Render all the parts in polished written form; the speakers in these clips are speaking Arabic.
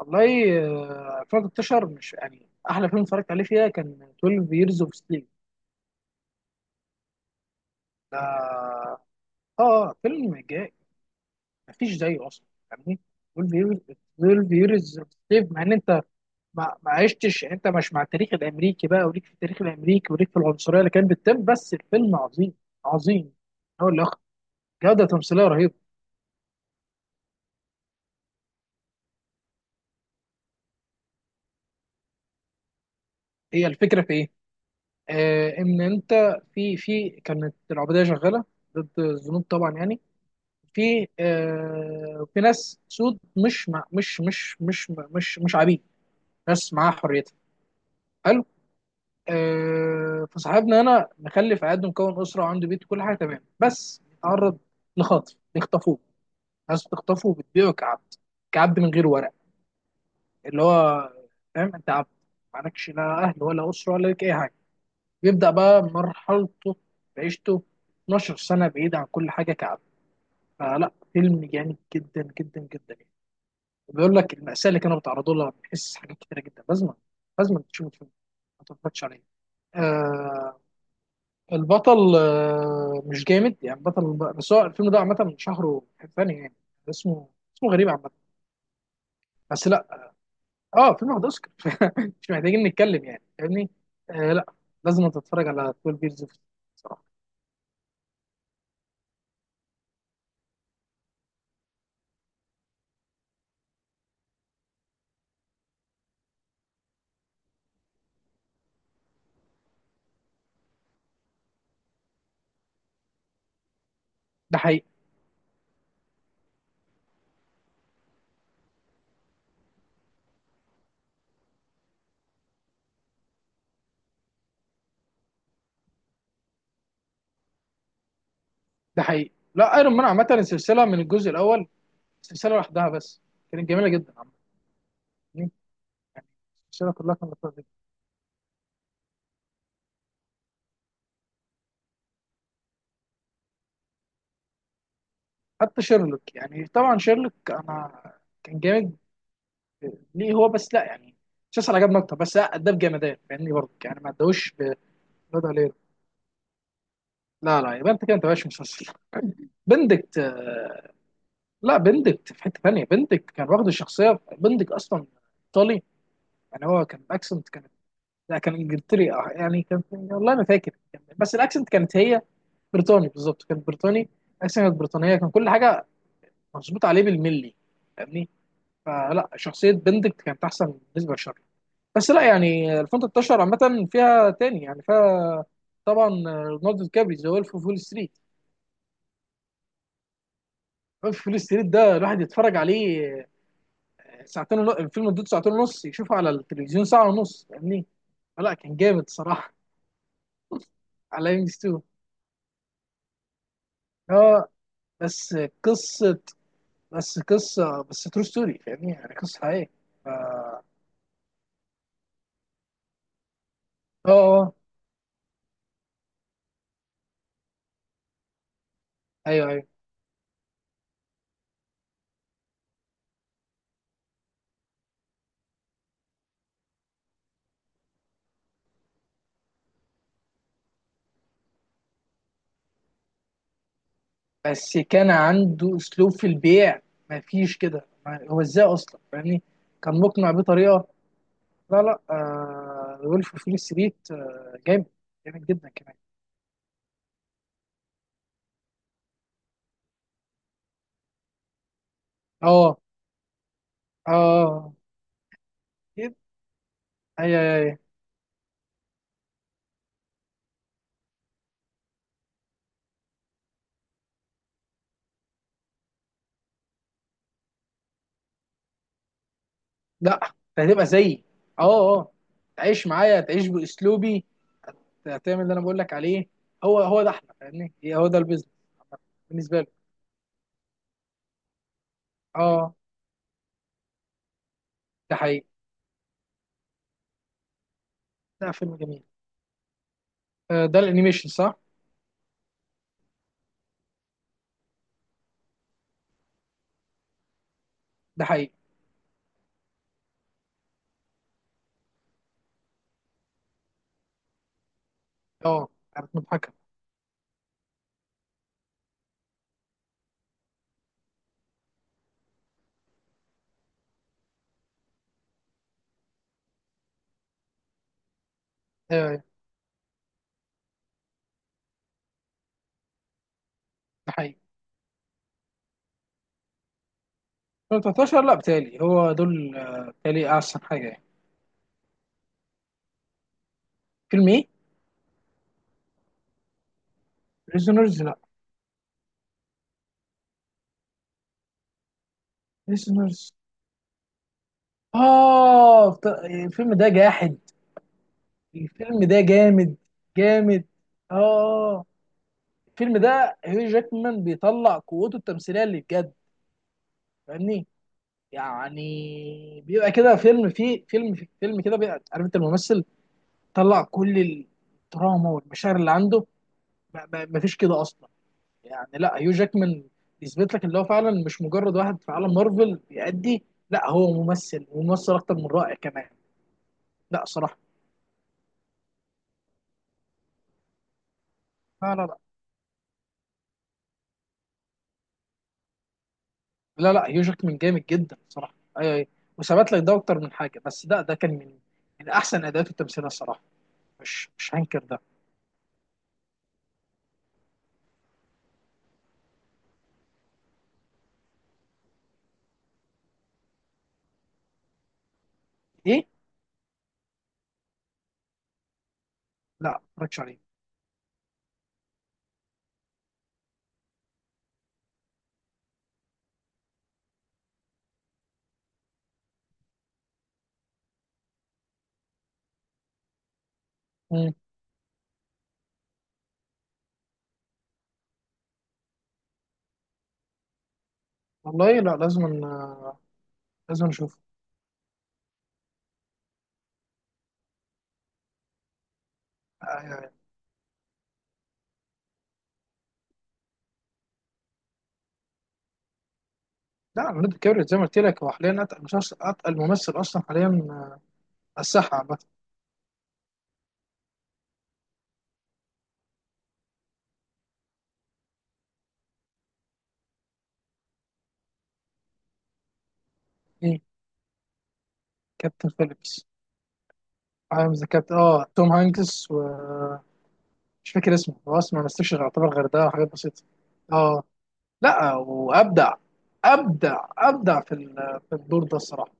والله. آه، 2013 مش يعني احلى فيلم اتفرجت عليه فيها كان 12 years of sleep. ده اه فيلم جاي، مفيش زيه اصلا، فاهمني. 12 years، 12 years of sleep، مع ان انت ما عشتش يعني، انت مش مع التاريخ الامريكي بقى، وليك في التاريخ الامريكي، وليك في العنصريه اللي كانت بتتم، بس الفيلم عظيم، عظيم. اقول لك، جوده تمثيليه رهيبه. هي الفكره في ايه؟ آه ان انت في كانت العبوديه شغاله ضد الذنوب طبعا يعني. في آه في ناس سود، مش مع مش مش مش مش مش عبيد، ناس معاها حريتها. حلو. آه فصاحبنا هنا مخلف عقد، مكون اسره وعنده بيت وكل حاجه تمام، بس يتعرض لخطف، يخطفوه. ناس بتخطفه وبتبيعه كعبد، كعبد من غير ورق، اللي هو فاهم انت عبد، معكش لا اهل ولا اسره ولا لك اي حاجه. بيبدا بقى مرحلته، بعيشته، 12 سنه بعيد عن كل حاجه كعبد. فلا فيلم جامد جدا جدا جدا. بيقول لك المأساة اللي كانوا بيتعرضوا لها، بتحس حاجات كتيرة جدا. لازم، لازم تشوف الفيلم، ما تتفرجش عليه. آه البطل آه مش جامد يعني بطل، بس هو الفيلم ده عامة من شهره ثاني يعني. اسمه، اسمه غريب عامة، بس لا. اه فيلم واخد اوسكار. مش محتاجين نتكلم يعني، فاهمني. آه لا، لازم تتفرج على 12 بيرز صراحة. ده حقيقي. ده حقيقي. لا ايرون مان عامة السلسلة من الجزء الأول، سلسلة لوحدها، بس كانت جميلة جدا عامة. السلسلة كلها كانت حتى شيرلوك. يعني طبعا شيرلوك انا كان جامد، ليه هو بس، لا يعني مسلسل عجبني اكتر، بس لا اداه بجمدان، فاهمني برضه يعني، ما اداهوش. بندى ليه؟ لا لا، يبقى انت كده انت مش مسلسل. بندكت، آه، لا بندكت في حته ثانيه، بندكت كان واخد الشخصيه، بندكت اصلا ايطالي يعني. هو كان الاكسنت كانت، لا كان انجلتري، آه، يعني كان، والله ما فاكر كان، بس الاكسنت كانت هي بريطاني، بالظبط كان بريطاني. الاكسنت كانت بريطانيه، كان كل حاجه مظبوط عليه بالملي، فاهمني. فلا شخصيه بندكت كانت احسن بالنسبه لشارلوك. بس لا يعني، 2013 عامة فيها تاني يعني فيها طبعا ليوناردو دي كابري، ذا ويلف اوف وول ستريت. ويلف اوف وول ستريت ده، الواحد يتفرج عليه ساعتين ونص، الفيلم مدته ساعتين ونص، يشوفه على التلفزيون ساعة ونص، فاهمني؟ لا كان جامد صراحة. على ام 2. اه، بس قصة، بس قصة، بس ترو ستوري، فاهمني؟ يعني قصة حقيقية. ف- اه. اه، اه، ايوه ايوه. بس كان عنده اسلوب في البيع، ما فيش كده. ما- هو ازاي اصلا، فاهمني؟ كان مقنع بطريقة. لا لا، آه وولف اوف وول ستريت آه جامد، جامد جدا كمان. اه اه. جد-. اي اي اي. لا انت هتبقى زيي. اه اه. تعيش معايا، تعيش باسلوبي، تعمل اللي انا بقول لك عليه. هو ده احنا، فاهمني، هي- هو ده البيزنس. بالنسبه لي. اه. ده حقيقي. ده فيلم جميل. آه ده الانيميشن صح. ده حقيقي. اه، كانت مضحكه. ايوه ايوه. ده حقيقي. 2013 لا بتالي هو دول، آه، بتالي احسن حاجه يعني. فيلم ايه؟ بريزونرز لا. بريزونرز، اه ط- الفيلم ده جاحد. الفيلم ده جامد، جامد. اه. الفيلم ده هيو جاكمان بيطلع قوته التمثيليه اللي بجد، فاهمني. يعني بيبقى كده فيلم فيه، فيلم فيلم كده بيبقى عارف انت الممثل طلع كل الدراما والمشاعر اللي عنده. ما فيش كده اصلا يعني. لا هيو جاكمان يثبت لك اللي هو فعلا مش مجرد واحد في عالم مارفل بيأدي، لا هو ممثل وممثل اكتر من رائع كمان. لا صراحه. لا لا لا هيوجك من جامد جدا صراحه. ايوه ايوه. وثبت لك ده اكتر من حاجه، بس ده كان من من احسن اداءات التمثيل الصراحه. مش، مش هنكر ده. ايه؟ لا ما اتفرجتش عليه. مم. والله لا لازم، آه، لازم نشوفه. آه، لا ليوناردو كابريو زي ما قلت لك، هو حاليا اتقل مسلسل، اتقل ممثل اصلا حاليا، آه، على الساحه عامه. ايه؟ كابتن فيليبس. عامل ذا كابتن، اه توم هانكس و، مش فاكر اسمه، هو اسمه ما مثلش يعتبر غير ده، حاجات بسيطه. اه. لا وابدع، ابدع، ابدع في ال- في الدور ده الصراحه.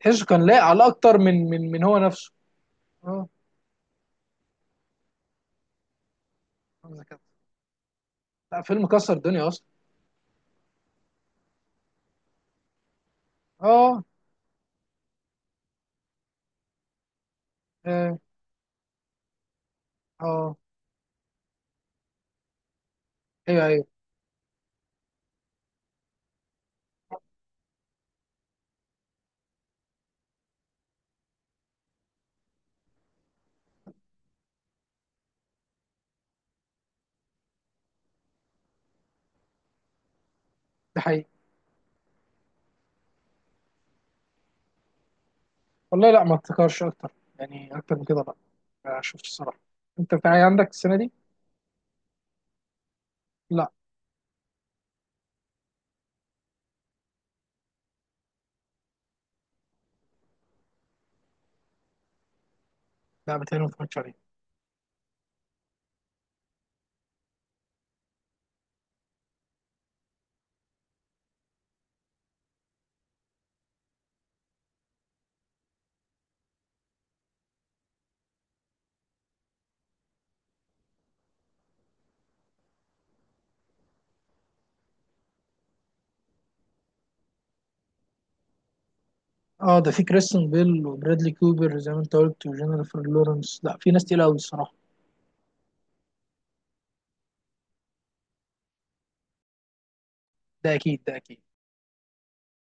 تحسه كان لايق على اكتر من من من هو نفسه. اه. عايز كده. لا فيلم كسر الدنيا اصلا. اه. اه. اه. ايوه ايوه. ده حقيقي. والله لا ما افتكرش اكتر، يعني اكتر من كده لا، ما شفتش الصراحه. انت في حاجه عندك السنه دي؟ لا. لا، بتهيألي ما اتفرجتش عليه. اه ده في كريستون بيل وبرادلي كوبر زي ما انت قلت، وجينيفر لورنس، لا في ناس تقيله قوي الصراحه. ده اكيد، ده اكيد.